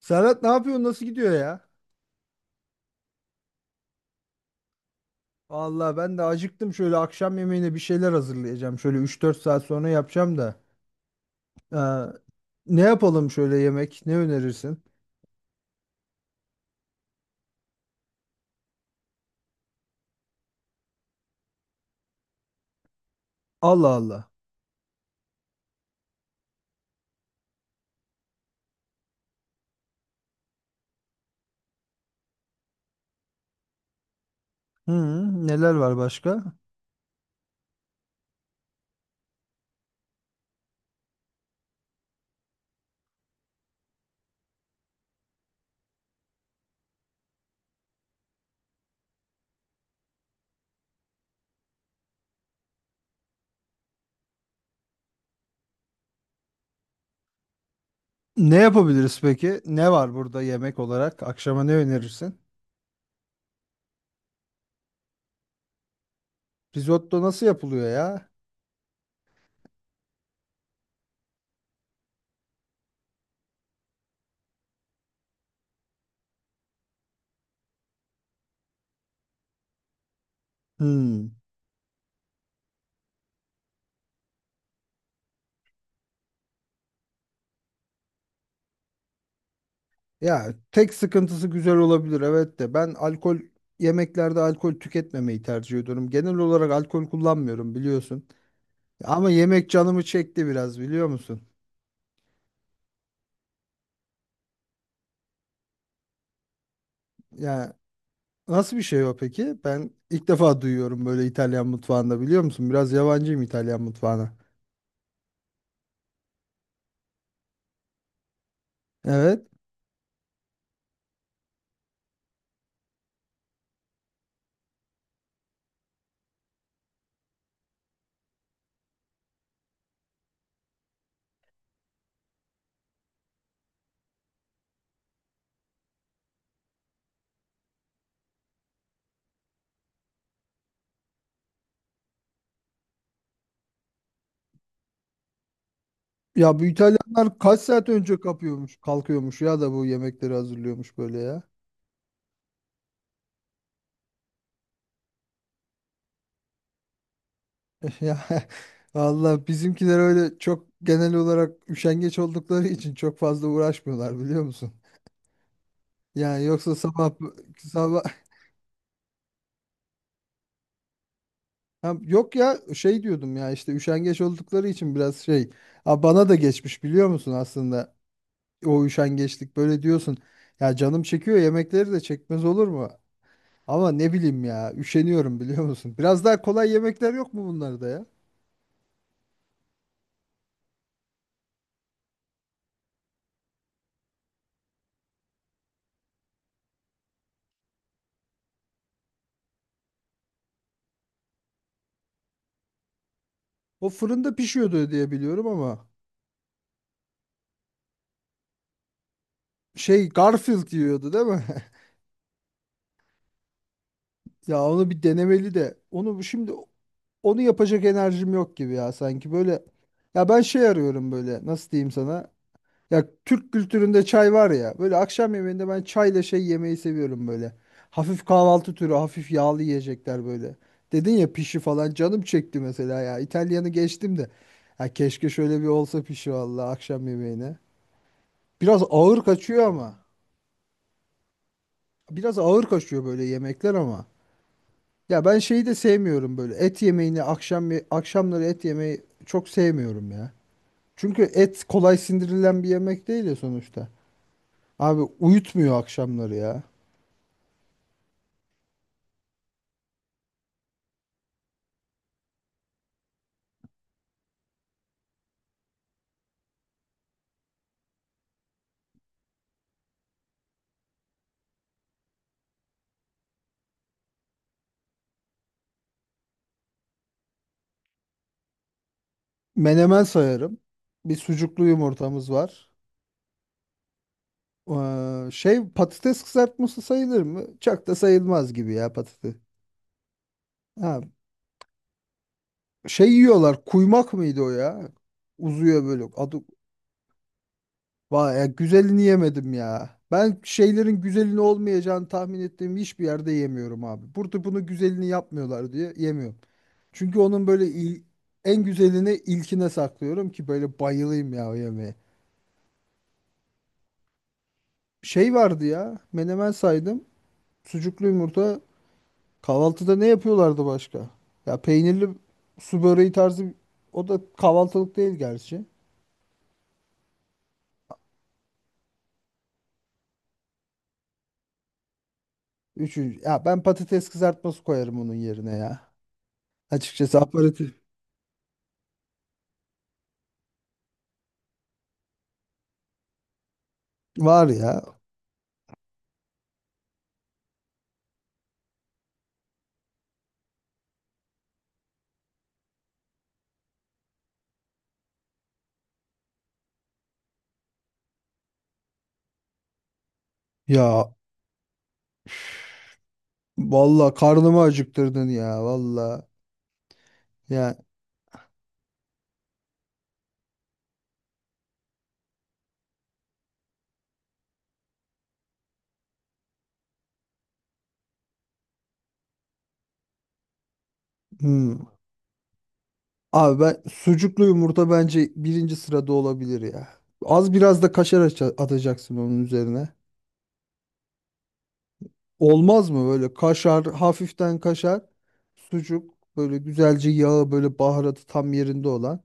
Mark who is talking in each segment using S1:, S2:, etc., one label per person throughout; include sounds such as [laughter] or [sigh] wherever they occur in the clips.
S1: Serhat ne yapıyorsun? Nasıl gidiyor ya? Vallahi ben de acıktım. Şöyle akşam yemeğine bir şeyler hazırlayacağım. Şöyle üç dört saat sonra yapacağım da. Ee, ne yapalım şöyle yemek? Ne önerirsin? Allah Allah. Hı, neler var başka? Ne yapabiliriz peki? Ne var burada yemek olarak? Akşama ne önerirsin? Risotto nasıl yapılıyor ya? Hmm. Ya tek sıkıntısı güzel olabilir evet de ben alkol yemeklerde alkol tüketmemeyi tercih ediyorum. Genel olarak alkol kullanmıyorum biliyorsun. Ama yemek canımı çekti biraz biliyor musun? Yani nasıl bir şey o peki? Ben ilk defa duyuyorum böyle İtalyan mutfağında biliyor musun? Biraz yabancıyım İtalyan mutfağına. Evet. Ya bu İtalyanlar kaç saat önce kapıyormuş, kalkıyormuş ya da bu yemekleri hazırlıyormuş böyle ya. [laughs] Ya Allah bizimkiler öyle çok genel olarak üşengeç oldukları için çok fazla uğraşmıyorlar biliyor musun? Yani yoksa sabah sabah. Ha, yok ya şey diyordum ya işte üşengeç oldukları için biraz şey. Ha, bana da geçmiş biliyor musun aslında o üşengeçlik böyle diyorsun. Ya canım çekiyor yemekleri de çekmez olur mu? Ama ne bileyim ya üşeniyorum [laughs] biliyor musun? Biraz daha kolay yemekler yok mu bunlarda ya? O fırında pişiyordu diye biliyorum ama şey Garfield yiyordu değil mi? [laughs] Ya onu bir denemeli de onu şimdi onu yapacak enerjim yok gibi ya sanki böyle. Ya ben şey arıyorum böyle nasıl diyeyim sana? Ya Türk kültüründe çay var ya. Böyle akşam yemeğinde ben çayla şey yemeyi seviyorum böyle. Hafif kahvaltı türü, hafif yağlı yiyecekler böyle. Dedin ya pişi falan canım çekti mesela ya. İtalyanı geçtim de. Ya keşke şöyle bir olsa pişi valla akşam yemeğine. Biraz ağır kaçıyor ama. Biraz ağır kaçıyor böyle yemekler ama. Ya ben şeyi de sevmiyorum böyle. Et yemeğini akşamları et yemeyi çok sevmiyorum ya. Çünkü et kolay sindirilen bir yemek değil ya sonuçta. Abi uyutmuyor akşamları ya. Menemen sayarım. Bir sucuklu yumurtamız var. Şey patates kızartması sayılır mı? Çok da sayılmaz gibi ya patates. Ha, şey yiyorlar. Kuymak mıydı o ya? Uzuyor böyle. Adı, vay ya, güzelini yemedim ya. Ben şeylerin güzelini olmayacağını tahmin ettiğim hiçbir yerde yemiyorum abi. Burada bunu güzelini yapmıyorlar diye yemiyorum. Çünkü onun böyle en güzelini ilkine saklıyorum ki böyle bayılayım ya o yemeğe. Şey vardı ya. Menemen saydım. Sucuklu yumurta. Kahvaltıda ne yapıyorlardı başka? Ya peynirli su böreği tarzı, o da kahvaltılık değil gerçi. Üçüncü. Ya ben patates kızartması koyarım onun yerine ya. Açıkçası aparatif var ya. Ya valla karnımı acıktırdın ya valla. Ya hmm. Abi ben sucuklu yumurta bence birinci sırada olabilir ya. Az biraz da kaşar atacaksın onun üzerine. Olmaz mı böyle kaşar, hafiften kaşar, sucuk, böyle güzelce yağı, böyle baharatı tam yerinde olan.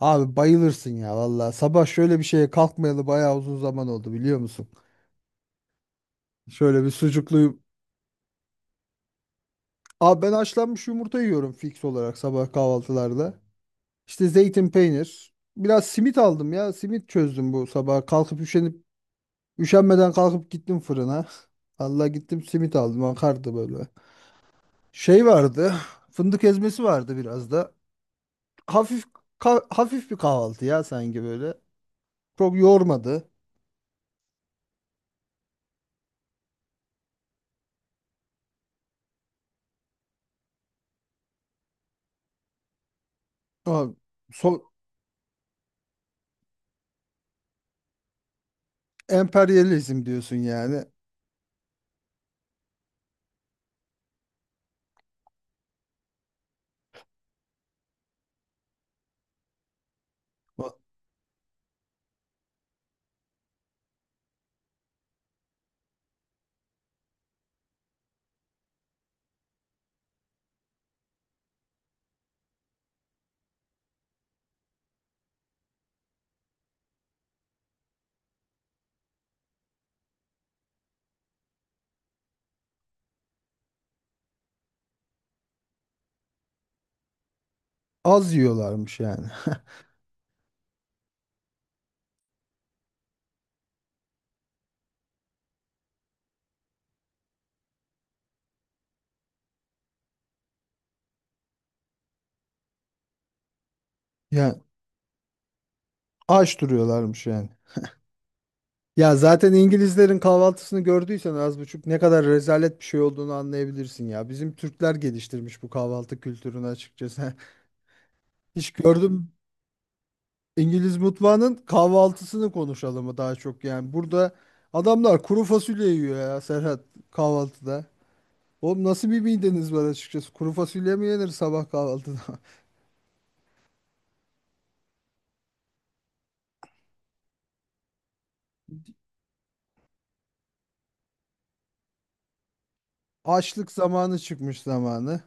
S1: Abi bayılırsın ya valla. Sabah şöyle bir şeye kalkmayalı bayağı uzun zaman oldu biliyor musun? Şöyle bir sucuklu. Abi ben haşlanmış yumurta yiyorum fix olarak sabah kahvaltılarda. İşte zeytin peynir. Biraz simit aldım ya. Simit çözdüm bu sabah. Kalkıp üşenip üşenmeden kalkıp gittim fırına. [laughs] Allah gittim simit aldım. Akardı böyle. Şey vardı. Fındık ezmesi vardı biraz da. Hafif hafif bir kahvaltı ya sanki böyle. Çok yormadı. Ama so emperyalizm diyorsun yani. Az yiyorlarmış yani. Yani aç duruyorlarmış yani. Ya zaten İngilizlerin kahvaltısını gördüysen az buçuk ne kadar rezalet bir şey olduğunu anlayabilirsin ya. Bizim Türkler geliştirmiş bu kahvaltı kültürünü açıkçası. [laughs] Hiç gördüm İngiliz mutfağının kahvaltısını konuşalım mı daha çok yani. Burada adamlar kuru fasulye yiyor ya Serhat kahvaltıda. Oğlum nasıl bir mideniz var açıkçası? Kuru fasulye mi yenir sabah kahvaltıda? [laughs] Açlık zamanı çıkmış zamanı.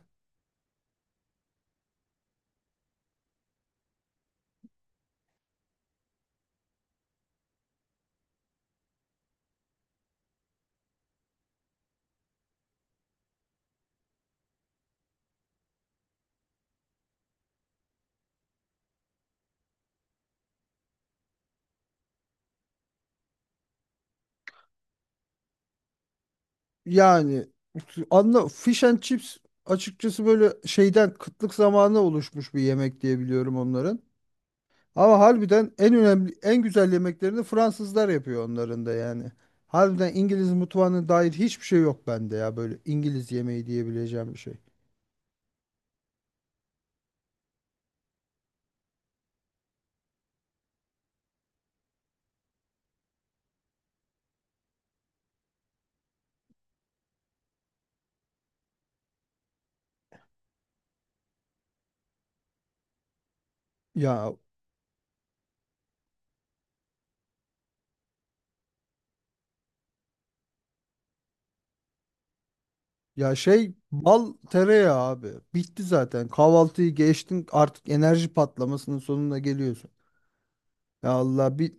S1: Yani anla fish and chips açıkçası böyle şeyden kıtlık zamanı oluşmuş bir yemek diye biliyorum onların. Ama harbiden en önemli en güzel yemeklerini Fransızlar yapıyor onların da yani. Harbiden İngiliz mutfağına dair hiçbir şey yok bende ya böyle İngiliz yemeği diyebileceğim bir şey. Ya Ya şey bal tereyağı abi. Bitti zaten. Kahvaltıyı geçtin artık enerji patlamasının sonuna geliyorsun. Ya Allah bir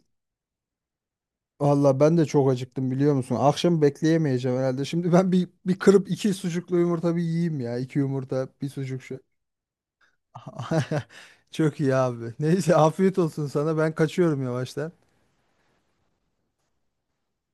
S1: Allah ben de çok acıktım biliyor musun? Akşam bekleyemeyeceğim herhalde. Şimdi ben bir kırıp iki sucuklu yumurta bir yiyeyim ya. İki yumurta bir sucuk şu. [laughs] Çok iyi abi. Neyse afiyet olsun sana. Ben kaçıyorum yavaştan.